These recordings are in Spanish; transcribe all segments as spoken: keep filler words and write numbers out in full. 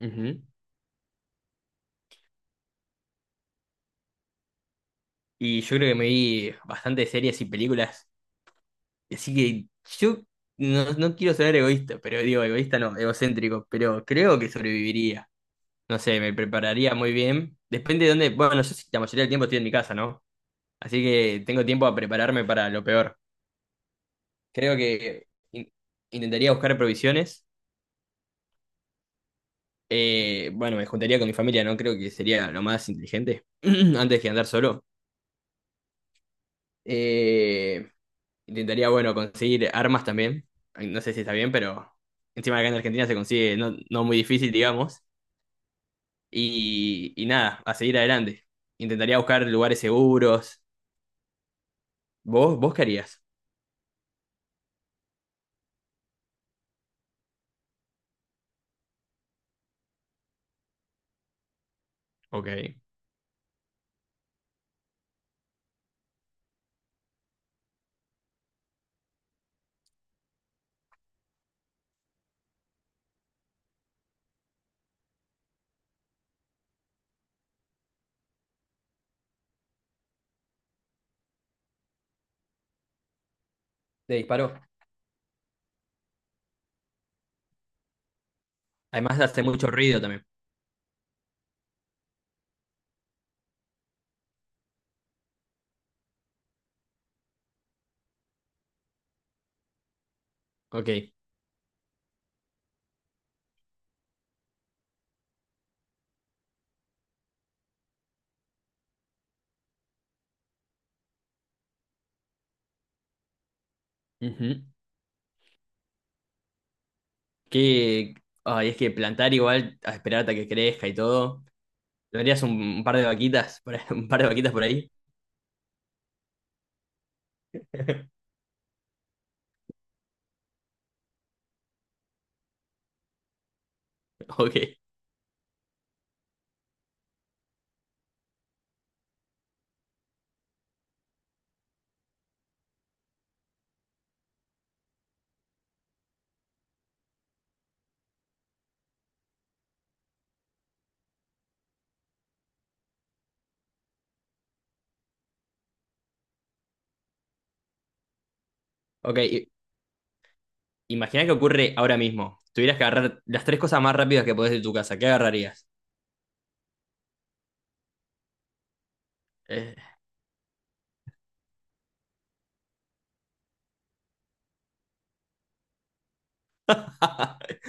Ujú. Y yo creo que me vi bastantes series y películas. Así que yo no, no quiero sonar egoísta, pero digo, egoísta no, egocéntrico, pero creo que sobreviviría. No sé, me prepararía muy bien. Depende de dónde. Bueno, yo sí, la mayoría del tiempo estoy en mi casa, ¿no? Así que tengo tiempo a prepararme para lo peor. Creo que in- intentaría buscar provisiones. Eh, bueno, me juntaría con mi familia, ¿no? Creo que sería lo más inteligente antes que andar solo. Eh, Intentaría, bueno, conseguir armas también. No sé si está bien, pero encima acá en Argentina se consigue no, no muy difícil, digamos. Y, y nada, a seguir adelante. Intentaría buscar lugares seguros. ¿Vos, vos qué harías? Ok. Te disparo. Además hace mucho ruido también. Ok. Ujú. Que, ay, es que plantar igual, a esperar hasta que crezca y todo. ¿Tendrías un, un par de vaquitas por ahí? ¿Un par de vaquitas por ahí? Ok. Ok. Imagina que ocurre ahora mismo. Tuvieras que agarrar las tres cosas más rápidas que podés de tu casa. ¿Qué agarrarías? Eh,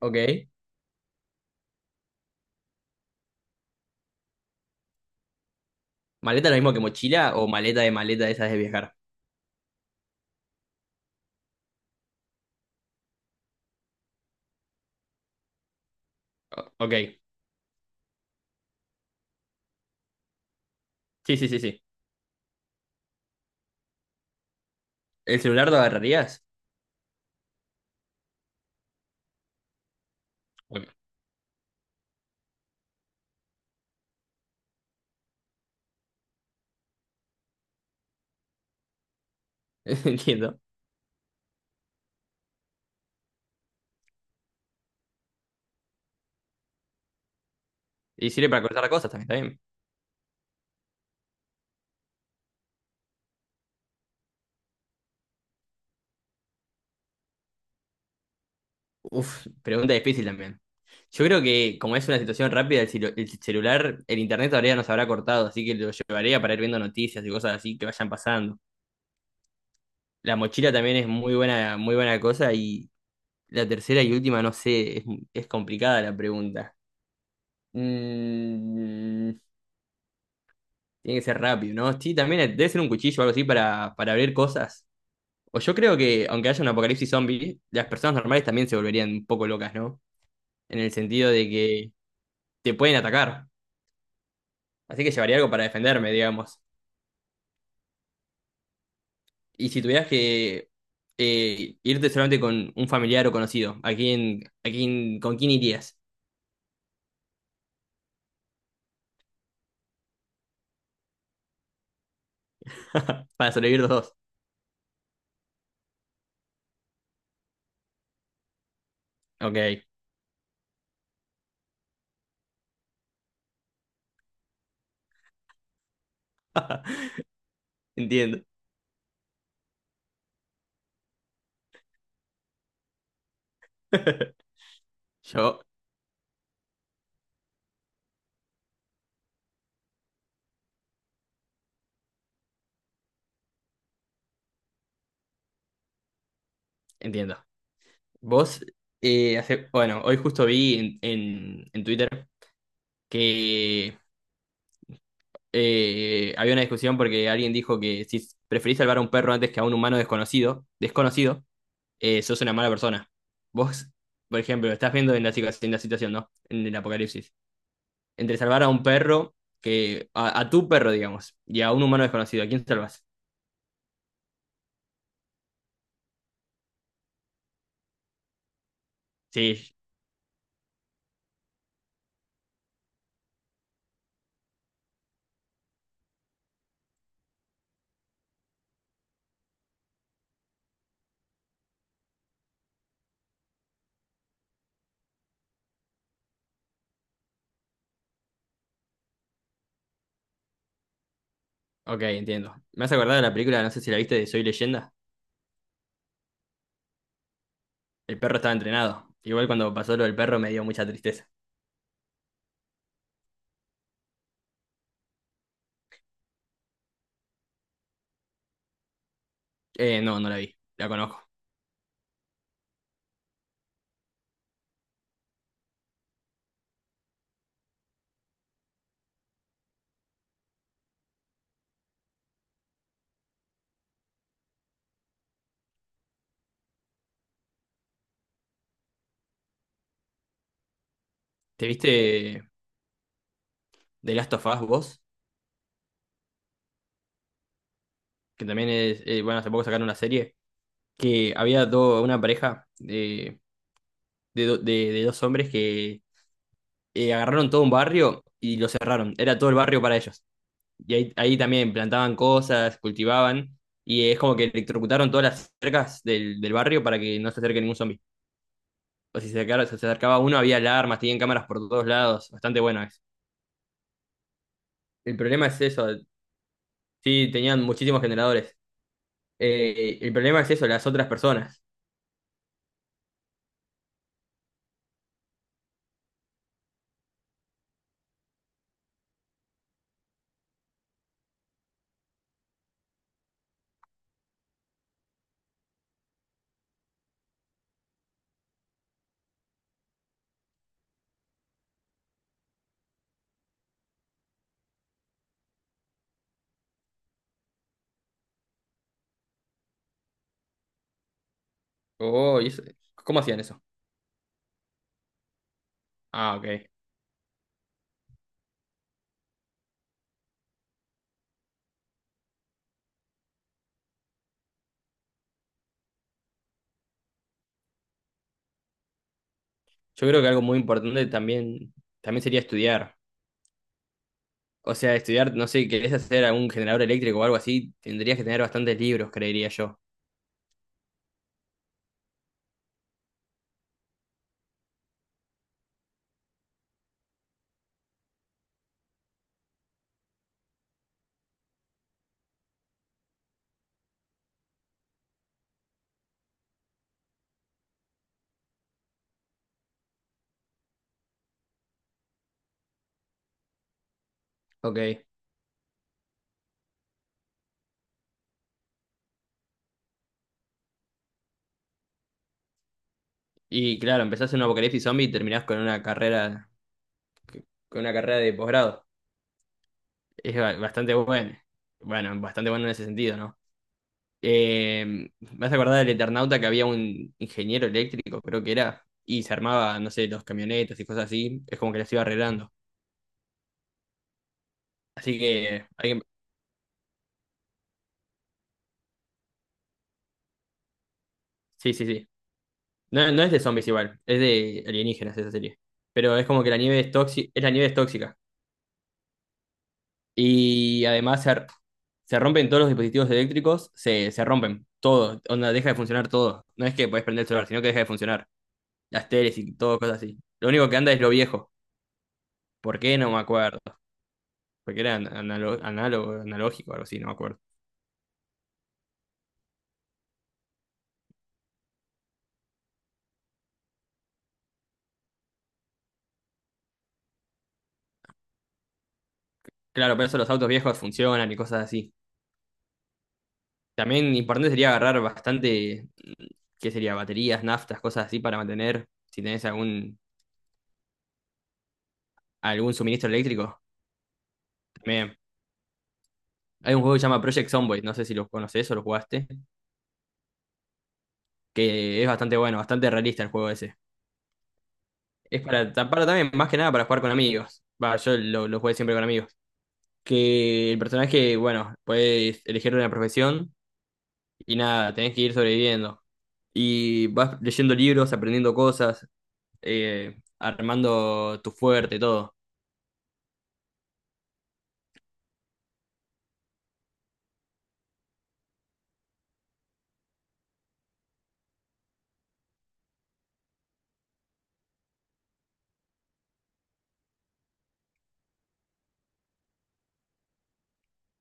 ok. ¿Maleta lo mismo que mochila o maleta, de maleta de esas de viajar? O- ok. Sí, sí, sí, sí. ¿El celular lo agarrarías? Bueno, entiendo. Y sirve para cortar cosas también, está bien. Uf, pregunta difícil también. Yo creo que como es una situación rápida, el, celu- el celular, el internet todavía nos habrá cortado, así que lo llevaría para ir viendo noticias y cosas así que vayan pasando. La mochila también es muy buena, muy buena cosa. Y la tercera y última, no sé, es, es complicada la pregunta. Mm, tiene que ser rápido, ¿no? Sí, también debe ser un cuchillo o algo así para, para abrir cosas. O yo creo que, aunque haya un apocalipsis zombie, las personas normales también se volverían un poco locas, ¿no? En el sentido de que te pueden atacar. Así que llevaría algo para defenderme, digamos. Y si tuvieras que eh, irte solamente con un familiar o conocido, ¿a quién, a quién, con quién irías? Para sobrevivir los dos. Ok, entiendo. Yo. Entiendo. Vos, eh, hace, bueno, hoy justo vi en, en, en Twitter que eh, había una discusión porque alguien dijo que si preferís salvar a un perro antes que a un humano desconocido, desconocido, eh, sos una mala persona. Vos, por ejemplo, estás viendo en la, situa- en la situación, ¿no? En el apocalipsis. Entre salvar a un perro, que a, a tu perro, digamos, y a un humano desconocido, ¿a quién salvas? Sí, ok, entiendo. Me has acordado de la película, no sé si la viste, de Soy Leyenda. El perro estaba entrenado. Igual cuando pasó lo del perro me dio mucha tristeza. Eh, no, no la vi. La conozco. ¿Te viste The Last of Us vos? Que también es. Eh, bueno, hace poco sacaron una serie. Que había do- una pareja de, de, do- de- de dos hombres que eh, agarraron todo un barrio y lo cerraron. Era todo el barrio para ellos. Y ahí, ahí también plantaban cosas, cultivaban. Y es como que electrocutaron todas las cercas del, del barrio para que no se acerque ningún zombie. O si se acercaba, se acercaba uno, había alarmas, tenían cámaras por todos lados. Bastante bueno. El problema es eso. Sí, tenían muchísimos generadores. Eh, el problema es eso, las otras personas. Oh, ¿y eso? ¿Cómo hacían eso? Ah, ok. Yo creo que algo muy importante también, también sería estudiar. O sea, estudiar, no sé, querés hacer algún generador eléctrico o algo así, tendrías que tener bastantes libros, creería yo. Ok. Y claro, empezás en un apocalipsis zombie y terminás con una carrera, con una carrera de posgrado. Es ba- bastante bueno. Bueno, bastante bueno en ese sentido, ¿no? Eh, ¿me vas a acordar del Eternauta que había un ingeniero eléctrico, creo que era, y se armaba, no sé, los camionetas y cosas así? Es como que las iba arreglando. Así que, alguien… Sí, sí, sí. No, no es de zombies igual, es de alienígenas esa serie. Pero es como que la nieve es tóxica, es la nieve es tóxica. Y además se, ar- se rompen todos los dispositivos eléctricos, se, se rompen, todo, onda, deja de funcionar todo. No es que podés prender el celular, sino que deja de funcionar. Las teles y todo, cosas así. Lo único que anda es lo viejo. ¿Por qué? No me acuerdo. Porque era analo- análogo, analógico, algo así, no me acuerdo. Claro, pero eso los autos viejos funcionan y cosas así. También importante sería agarrar bastante, mm, ¿qué sería? Baterías, naftas, cosas así para mantener, si tenés algún, algún suministro eléctrico. También. Hay un juego que se llama Project Zomboid, no sé si lo conoces o lo jugaste, que es bastante bueno, bastante realista el juego ese. Es para, para también, más que nada, para jugar con amigos. Va, yo lo, lo jugué siempre con amigos. Que el personaje, bueno, puedes elegir una profesión y nada, tenés que ir sobreviviendo. Y vas leyendo libros, aprendiendo cosas, eh, armando tu fuerte, todo.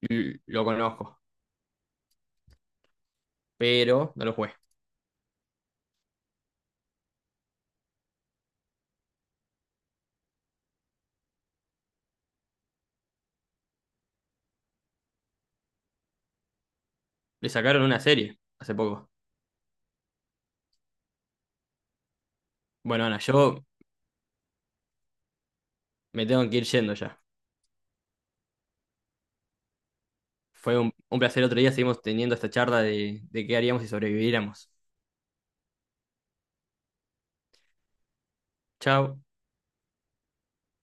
L- Lo conozco, pero no lo jugué. Le sacaron una serie hace poco. Bueno, Ana, yo me tengo que ir yendo ya. Fue un, un placer. Otro día, seguimos teniendo esta charla de, de qué haríamos si sobreviviéramos. Chao.